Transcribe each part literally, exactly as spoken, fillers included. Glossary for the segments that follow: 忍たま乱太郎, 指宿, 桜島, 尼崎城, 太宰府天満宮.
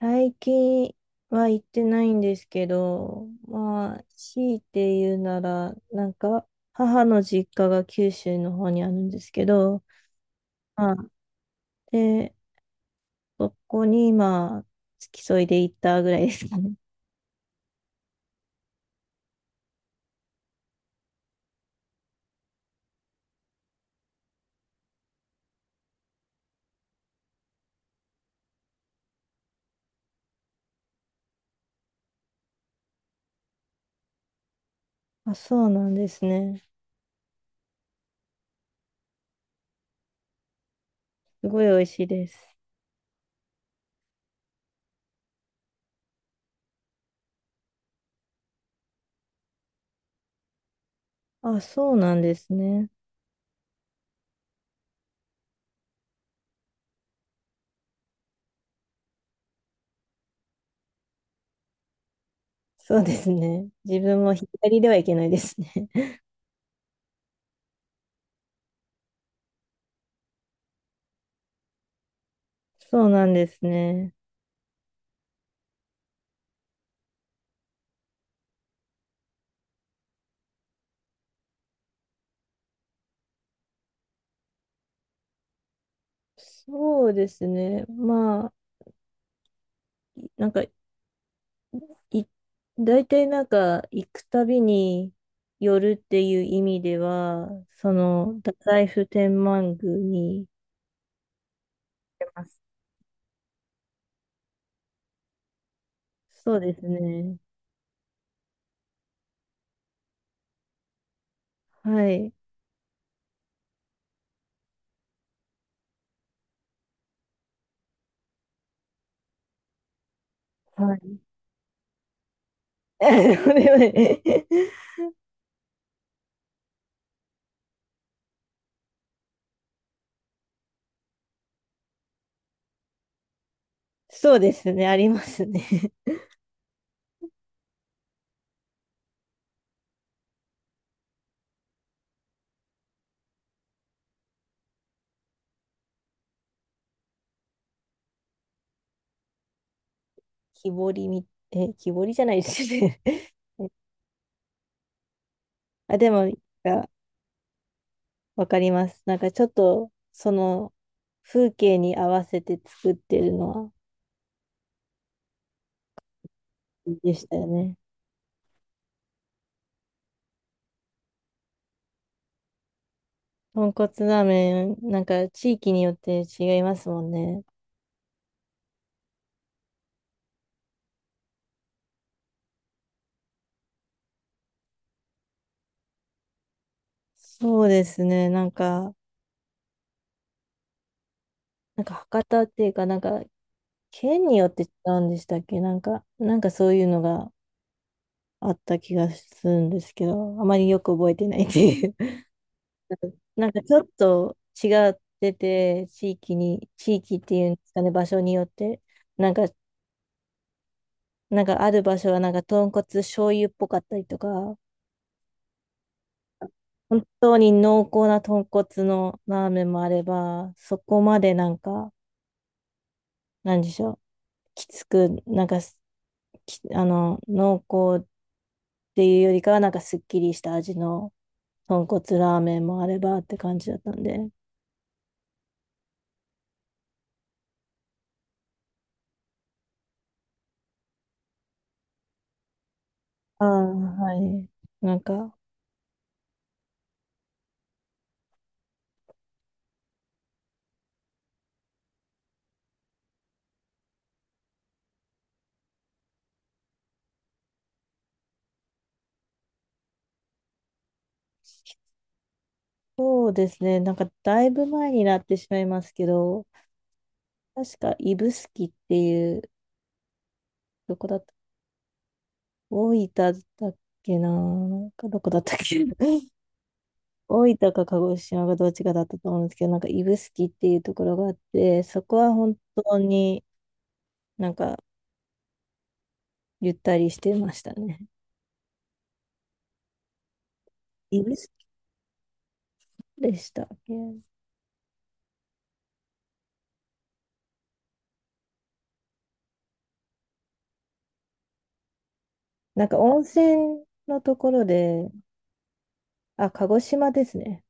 最近は行ってないんですけど、まあ、強いて言うなら、なんか、母の実家が九州の方にあるんですけど、まあ、で、そこに今、付き添いで行ったぐらいですかね。あ、そうなんですね。すごい美味しいです。あ、そうなんですね。そうですね。自分も左ではいけないですね。そうなんですね。そうですね。まあ、なんかい、大体なんか行くたびに寄るっていう意味では、その、太宰府天満宮に、てます。そうですね。はい。はい。これはね。そうですね、ありますね。木彫りみ、え、木彫りじゃないですね。あ、でも、が、わかります。なんかちょっと、その風景に合わせて作ってるのはいいでしたよね。豚骨ラーメン、なんか地域によって違いますもんね。そうですね。なんか、なんか博多っていうか、なんか県によって違うんでしたっけ？なんか、なんかそういうのがあった気がするんですけど、あまりよく覚えてないっていう。なんかちょっと違ってて、地域に、地域っていうんですかね、場所によって、なんか、なんかある場所はなんか豚骨醤油っぽかったりとか、本当に濃厚な豚骨のラーメンもあれば、そこまでなんか、なんでしょう、きつく、なんかす、きあの、濃厚っていうよりかは、なんかすっきりした味の豚骨ラーメンもあればって感じだったんで。ああ、はい。なんか、そうですね、なんかだいぶ前になってしまいますけど、確か指宿っていう、どこだった、大分だったっけな、なんかどこだったっけ。大分か鹿児島がどっちかだったと思うんですけど、なんか指宿っていうところがあって、そこは本当になんかゆったりしてましたね。指宿でしたっけ？なんか温泉のところで、あ、鹿児島ですね。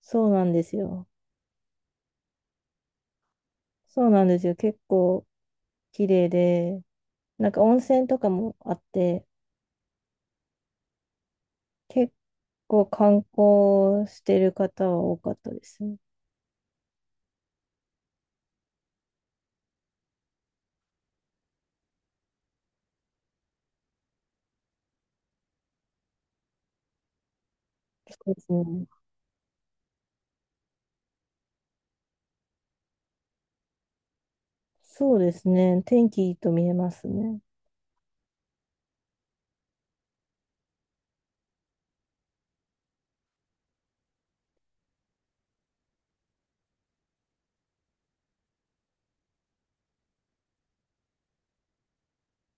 そうなんですよ。そうなんですよ。結構綺麗で、なんか温泉とかもあって、結構観光してる方は多かったですね。そうですね。そうですね。天気いいと見えますね。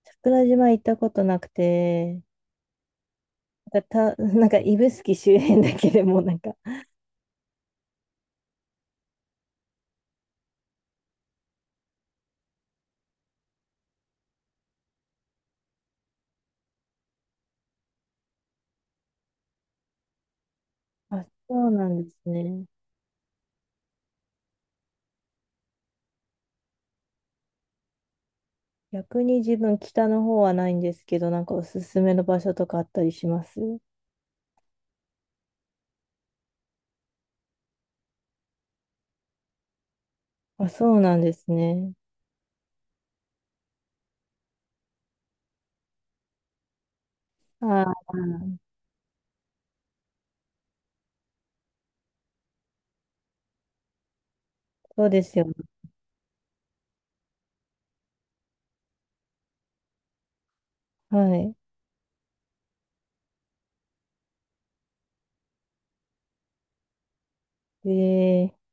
桜島行ったことなくて、なんかた、なんか指宿周辺だけでもなんか、あ、そうなんですね。逆に自分北の方はないんですけど、なんかおすすめの場所とかあったりします？あ、そうなんですね。ああ、そうですよね。はい。ええ、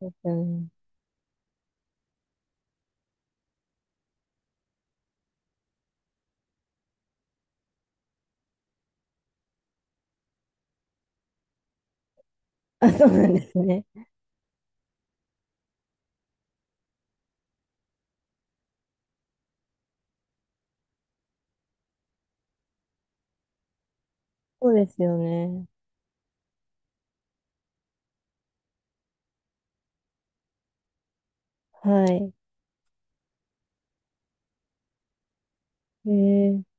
そうですよね。あ、そうなんですね。そうですよね。はい。ええ、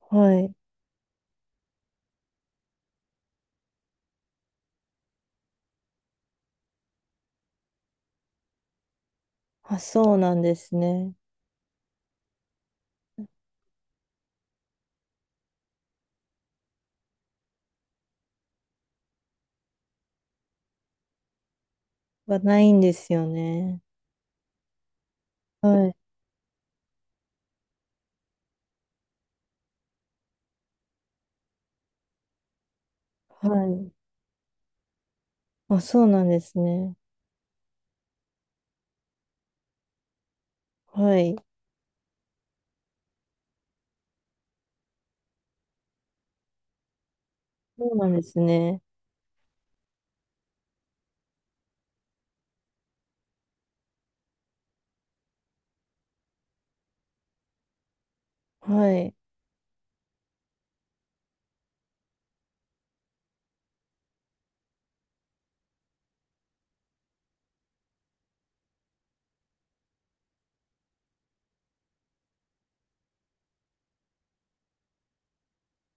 はい。あ、そうなんですね。はないんですよね。はい。はい。あ、そうなんですね。はい。そうなんですね。はい。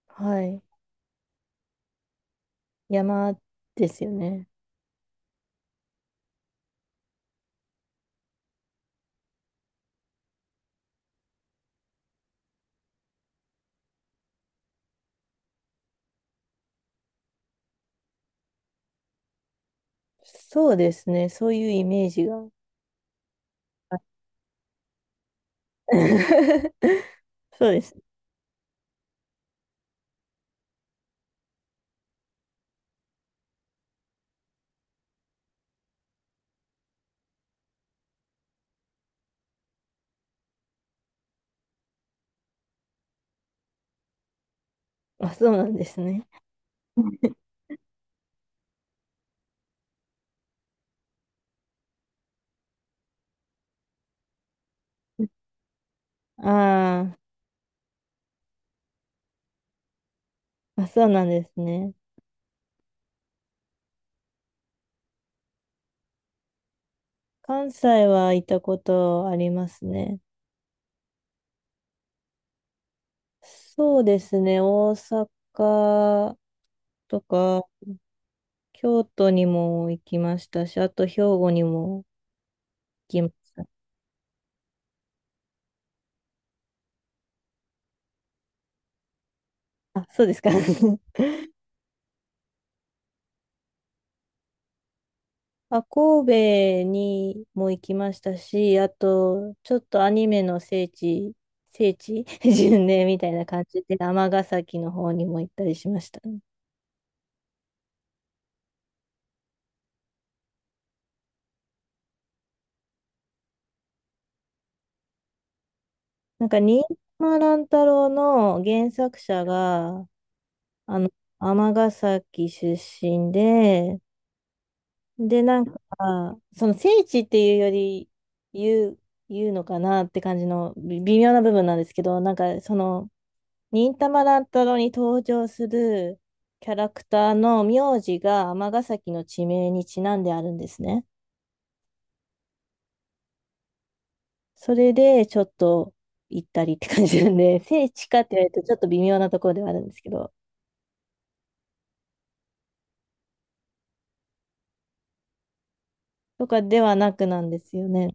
はい。山ですよね。そうですね。そういうイメージが。あ、 そうです。あ、そうなんですね。あー、あ、そうなんですね。関西はいたことありますね。そうですね。大阪とか、京都にも行きましたし、あと兵庫にも行きました。あ、そうですか。まあ、神戸にも行きましたし、あと、ちょっとアニメの聖地、聖地 巡礼みたいな感じで、尼崎の方にも行ったりしましたね。なんか、新島乱太郎の原作者が、あの、尼崎出身で、で、なんか、その聖地っていうより、言う、言うのかなって感じの微微妙な部分なんですけど、なんか、その、忍たま乱太郎に登場するキャラクターの名字が尼崎の地名にちなんであるんですね。それでちょっと行ったりって感じなんで、聖地かって言われるとちょっと微妙なところではあるんですけど、とかではなくなんですよね。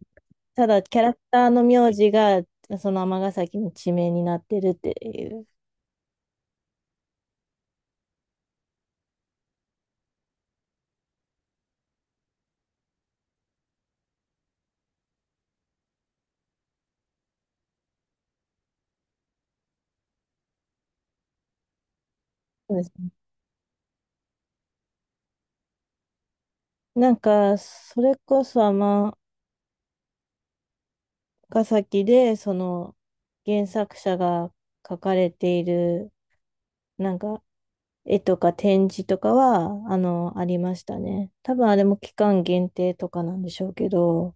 ただキャラクターの名字がその尼崎の地名になってるっていう。そうですね。なんか、それこそ尼崎でその原作者が書かれているなんか絵とか展示とかは、あの、ありましたね。多分あれも期間限定とかなんでしょうけど、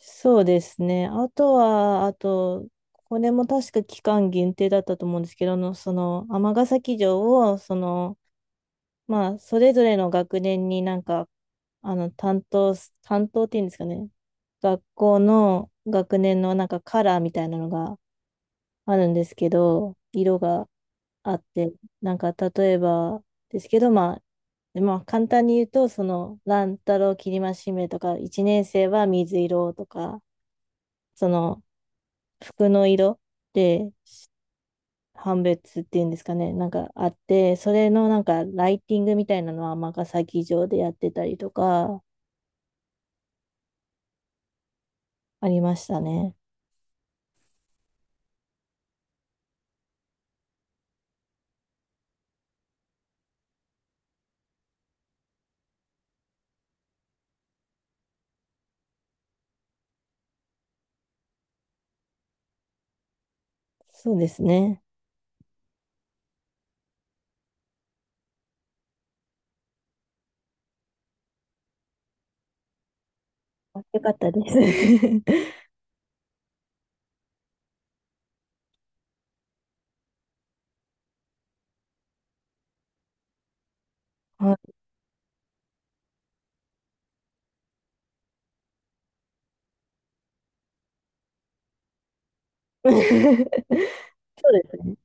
そうですね。あとは、あと、これも確か期間限定だったと思うんですけど、あのその、尼崎城を、その、まあ、それぞれの学年になんか、あの、担当す、担当っていうんですかね。学校の学年のなんかカラーみたいなのがあるんですけど、色があって、なんか例えばですけど、まあ、でまあ、簡単に言うと、その、乱太郎きりましめとか、いちねんせいは水色とか、その、服の色で判別っていうんですかね、なんかあって、それのなんかライティングみたいなのは尼崎城でやってたりとか、ありましたね。そうですね。よかったです。はい。 そうですね。